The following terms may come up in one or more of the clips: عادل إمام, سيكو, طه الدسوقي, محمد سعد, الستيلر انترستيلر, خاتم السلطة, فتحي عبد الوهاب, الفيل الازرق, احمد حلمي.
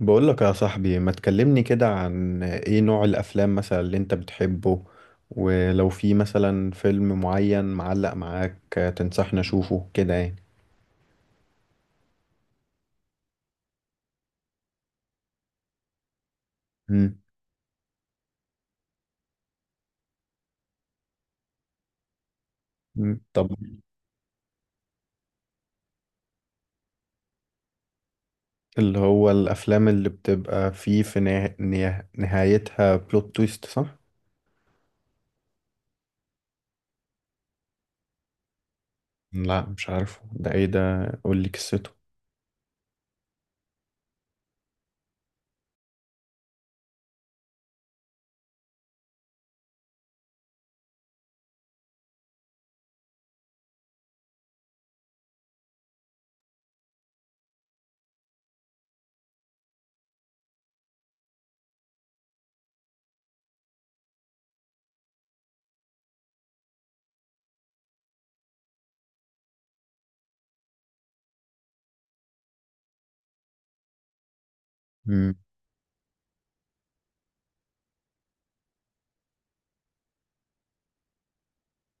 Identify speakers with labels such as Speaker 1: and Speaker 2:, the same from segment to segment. Speaker 1: بقولك يا صاحبي، ما تكلمني كده عن ايه نوع الافلام مثلا اللي انت بتحبه؟ ولو في مثلا فيلم معين معلق معاك، تنصحني اشوفه كده يعني. مم. مم. طب. اللي هو الافلام اللي بتبقى فيه في نهايتها بلوت تويست، صح؟ لا مش عارفه ده، ايه ده؟ قولي قصته. مم.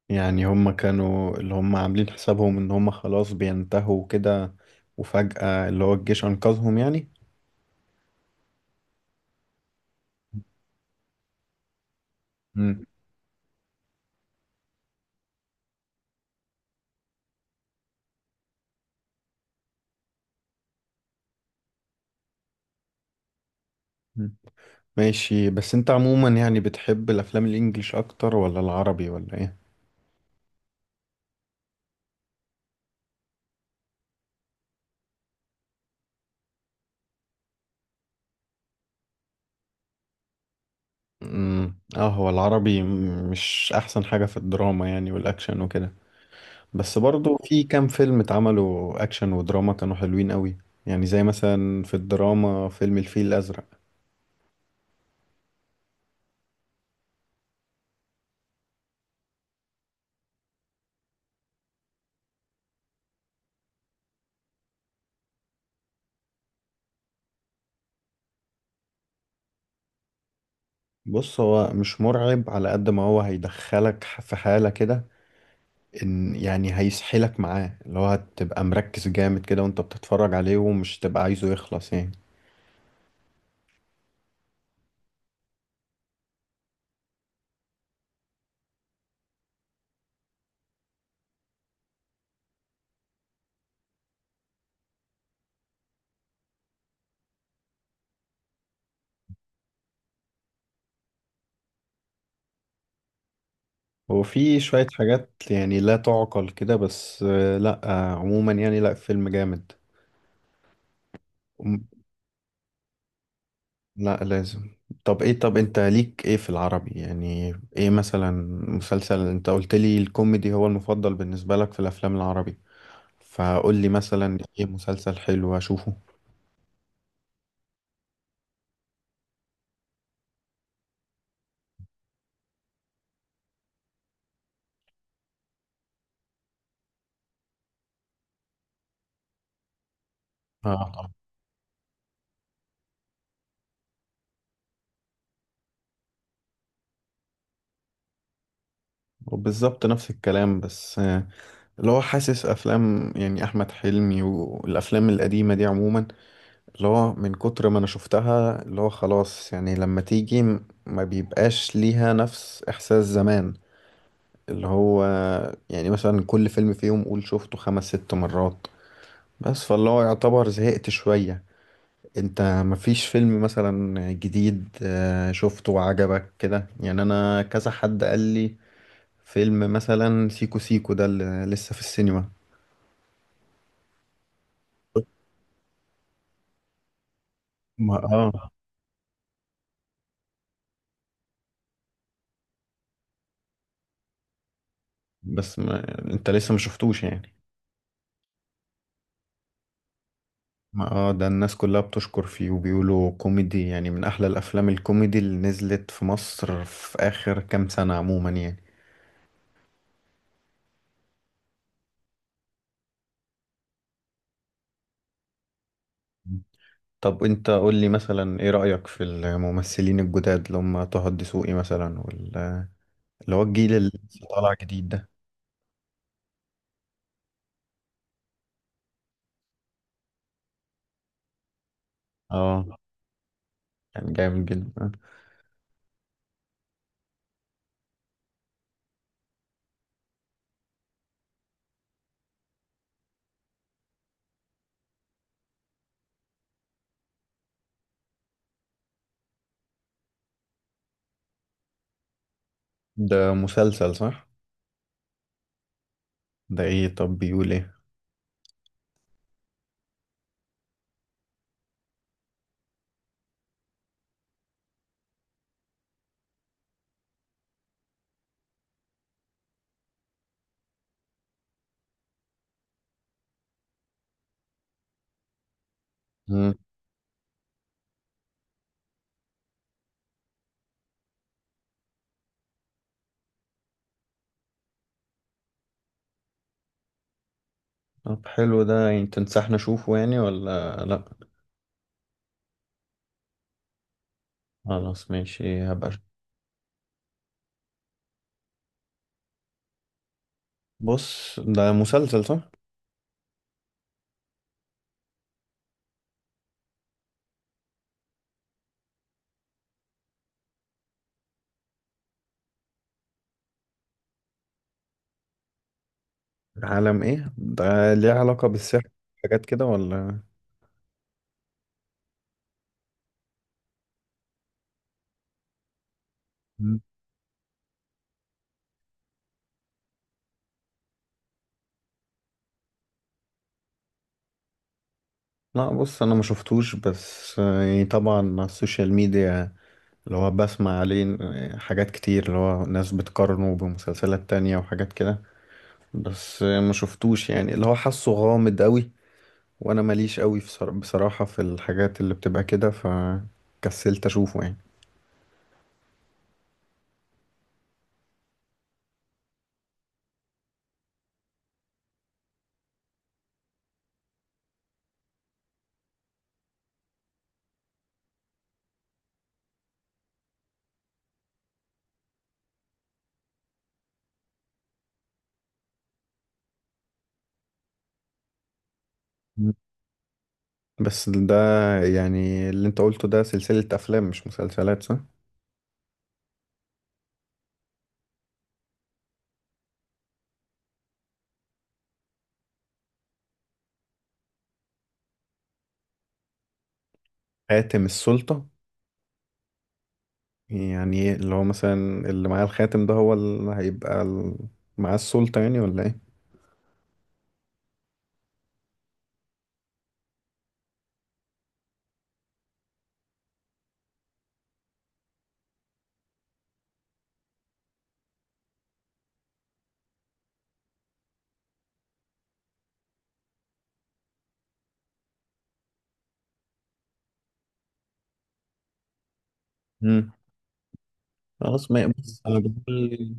Speaker 1: يعني هما كانوا اللي هما عاملين حسابهم ان هما خلاص بينتهوا كده، وفجأة اللي هو الجيش انقذهم يعني. مم. ماشي. بس انت عموما يعني بتحب الافلام الانجليش اكتر ولا العربي، ولا ايه؟ اه، هو العربي مش احسن حاجة في الدراما يعني، والاكشن وكده. بس برضو في كام فيلم اتعملوا اكشن ودراما كانوا حلوين قوي. يعني زي مثلا في الدراما فيلم الفيل الازرق. بص، هو مش مرعب على قد ما هو هيدخلك في حالة كده، ان يعني هيسحلك معاه، اللي هو هتبقى مركز جامد كده وانت بتتفرج عليه ومش تبقى عايزه يخلص يعني. هو في شوية حاجات يعني لا تعقل كده، بس لا عموما يعني، لا فيلم جامد. أم- لا لازم. طب ايه، طب انت ليك ايه في العربي يعني؟ ايه مثلا مسلسل؟ انت قلت لي الكوميدي هو المفضل بالنسبة لك في الافلام العربي، فقول لي مثلا ايه مسلسل حلو اشوفه. اه طبعا. وبالظبط نفس الكلام، بس اللي هو حاسس افلام يعني احمد حلمي والافلام القديمة دي عموما، اللي هو من كتر ما انا شفتها اللي هو خلاص يعني، لما تيجي ما بيبقاش ليها نفس احساس زمان. اللي هو يعني مثلا كل فيلم فيهم قول شفته خمس ست مرات، بس فاللي هو يعتبر زهقت شوية. انت مفيش فيلم مثلا جديد شفته وعجبك كده يعني؟ انا كذا حد قال لي فيلم مثلا سيكو سيكو ده اللي لسه في السينما. ما اه. بس ما انت لسه ما شفتوش يعني. ما اه، ده الناس كلها بتشكر فيه وبيقولوا كوميدي، يعني من احلى الافلام الكوميدي اللي نزلت في مصر في اخر كام سنة عموما يعني. طب انت قول لي مثلا ايه رأيك في الممثلين الجداد اللي هم طه الدسوقي مثلا، اللي هو الجيل اللي لسه طالع جديد ده. اه كان جامد جدا. ده مسلسل، صح؟ ده ايه؟ طب بيقول ايه؟ مم. طب حلو ده، يعني تنصحنا نشوفه يعني ولا لا؟ خلاص ماشي، هبقى. بص، ده مسلسل صح؟ عالم ايه ده؟ ليه علاقة بالسحر، حاجات كده ولا؟ مم. لا، بص انا ما شفتوش، بس يعني طبعا على السوشيال ميديا اللي هو بسمع عليه حاجات كتير، اللي هو ناس بتقارنه بمسلسلات تانية وحاجات كده. بس ما شفتوش يعني، اللي هو حاسه غامض قوي، وانا ماليش قوي في بصراحة في الحاجات اللي بتبقى كده، فكسلت اشوفه يعني. مم. بس ده يعني اللي انت قلته ده سلسلة افلام مش مسلسلات، صح؟ خاتم السلطة. يعني إيه، اللي هو مثلا اللي معاه الخاتم ده هو اللي هيبقى معاه السلطة يعني ولا ايه؟ امم خلاص. ما بص، انا بقول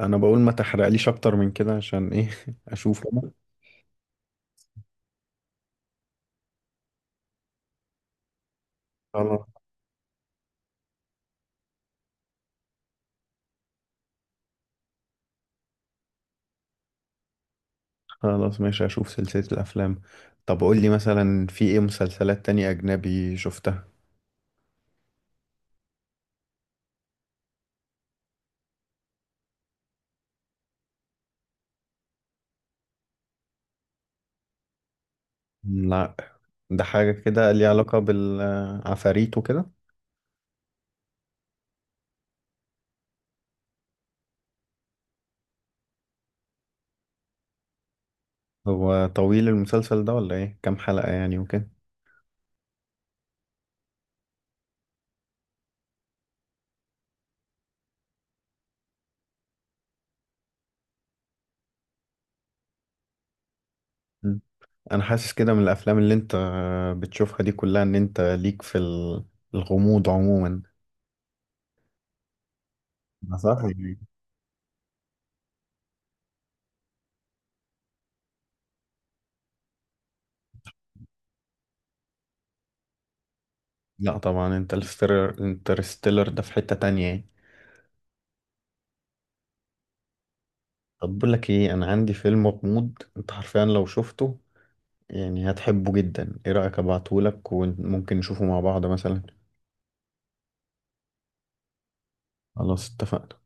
Speaker 1: انا بقول ما تحرقليش اكتر من كده، عشان ايه اشوف أنا. خلاص، خلاص ماشي اشوف سلسلة الافلام. طب قول لي مثلا، في ايه مسلسلات تانية اجنبي شفتها؟ لا، ده حاجة كده ليها علاقة بالعفاريت وكده؟ هو طويل المسلسل ده ولا ايه؟ كام حلقة يعني وكده؟ انا حاسس كده من الافلام اللي انت بتشوفها دي كلها، ان انت ليك في الغموض عموما. ما صح يعني؟ لا طبعا، انت انترستيلر ده في حتة تانية يعني. طب بقول لك ايه، انا عندي فيلم غموض انت حرفيا لو شفته يعني هتحبه جدا. ايه رأيك ابعتهولك وممكن نشوفه مع بعض مثلا؟ خلاص اتفقنا.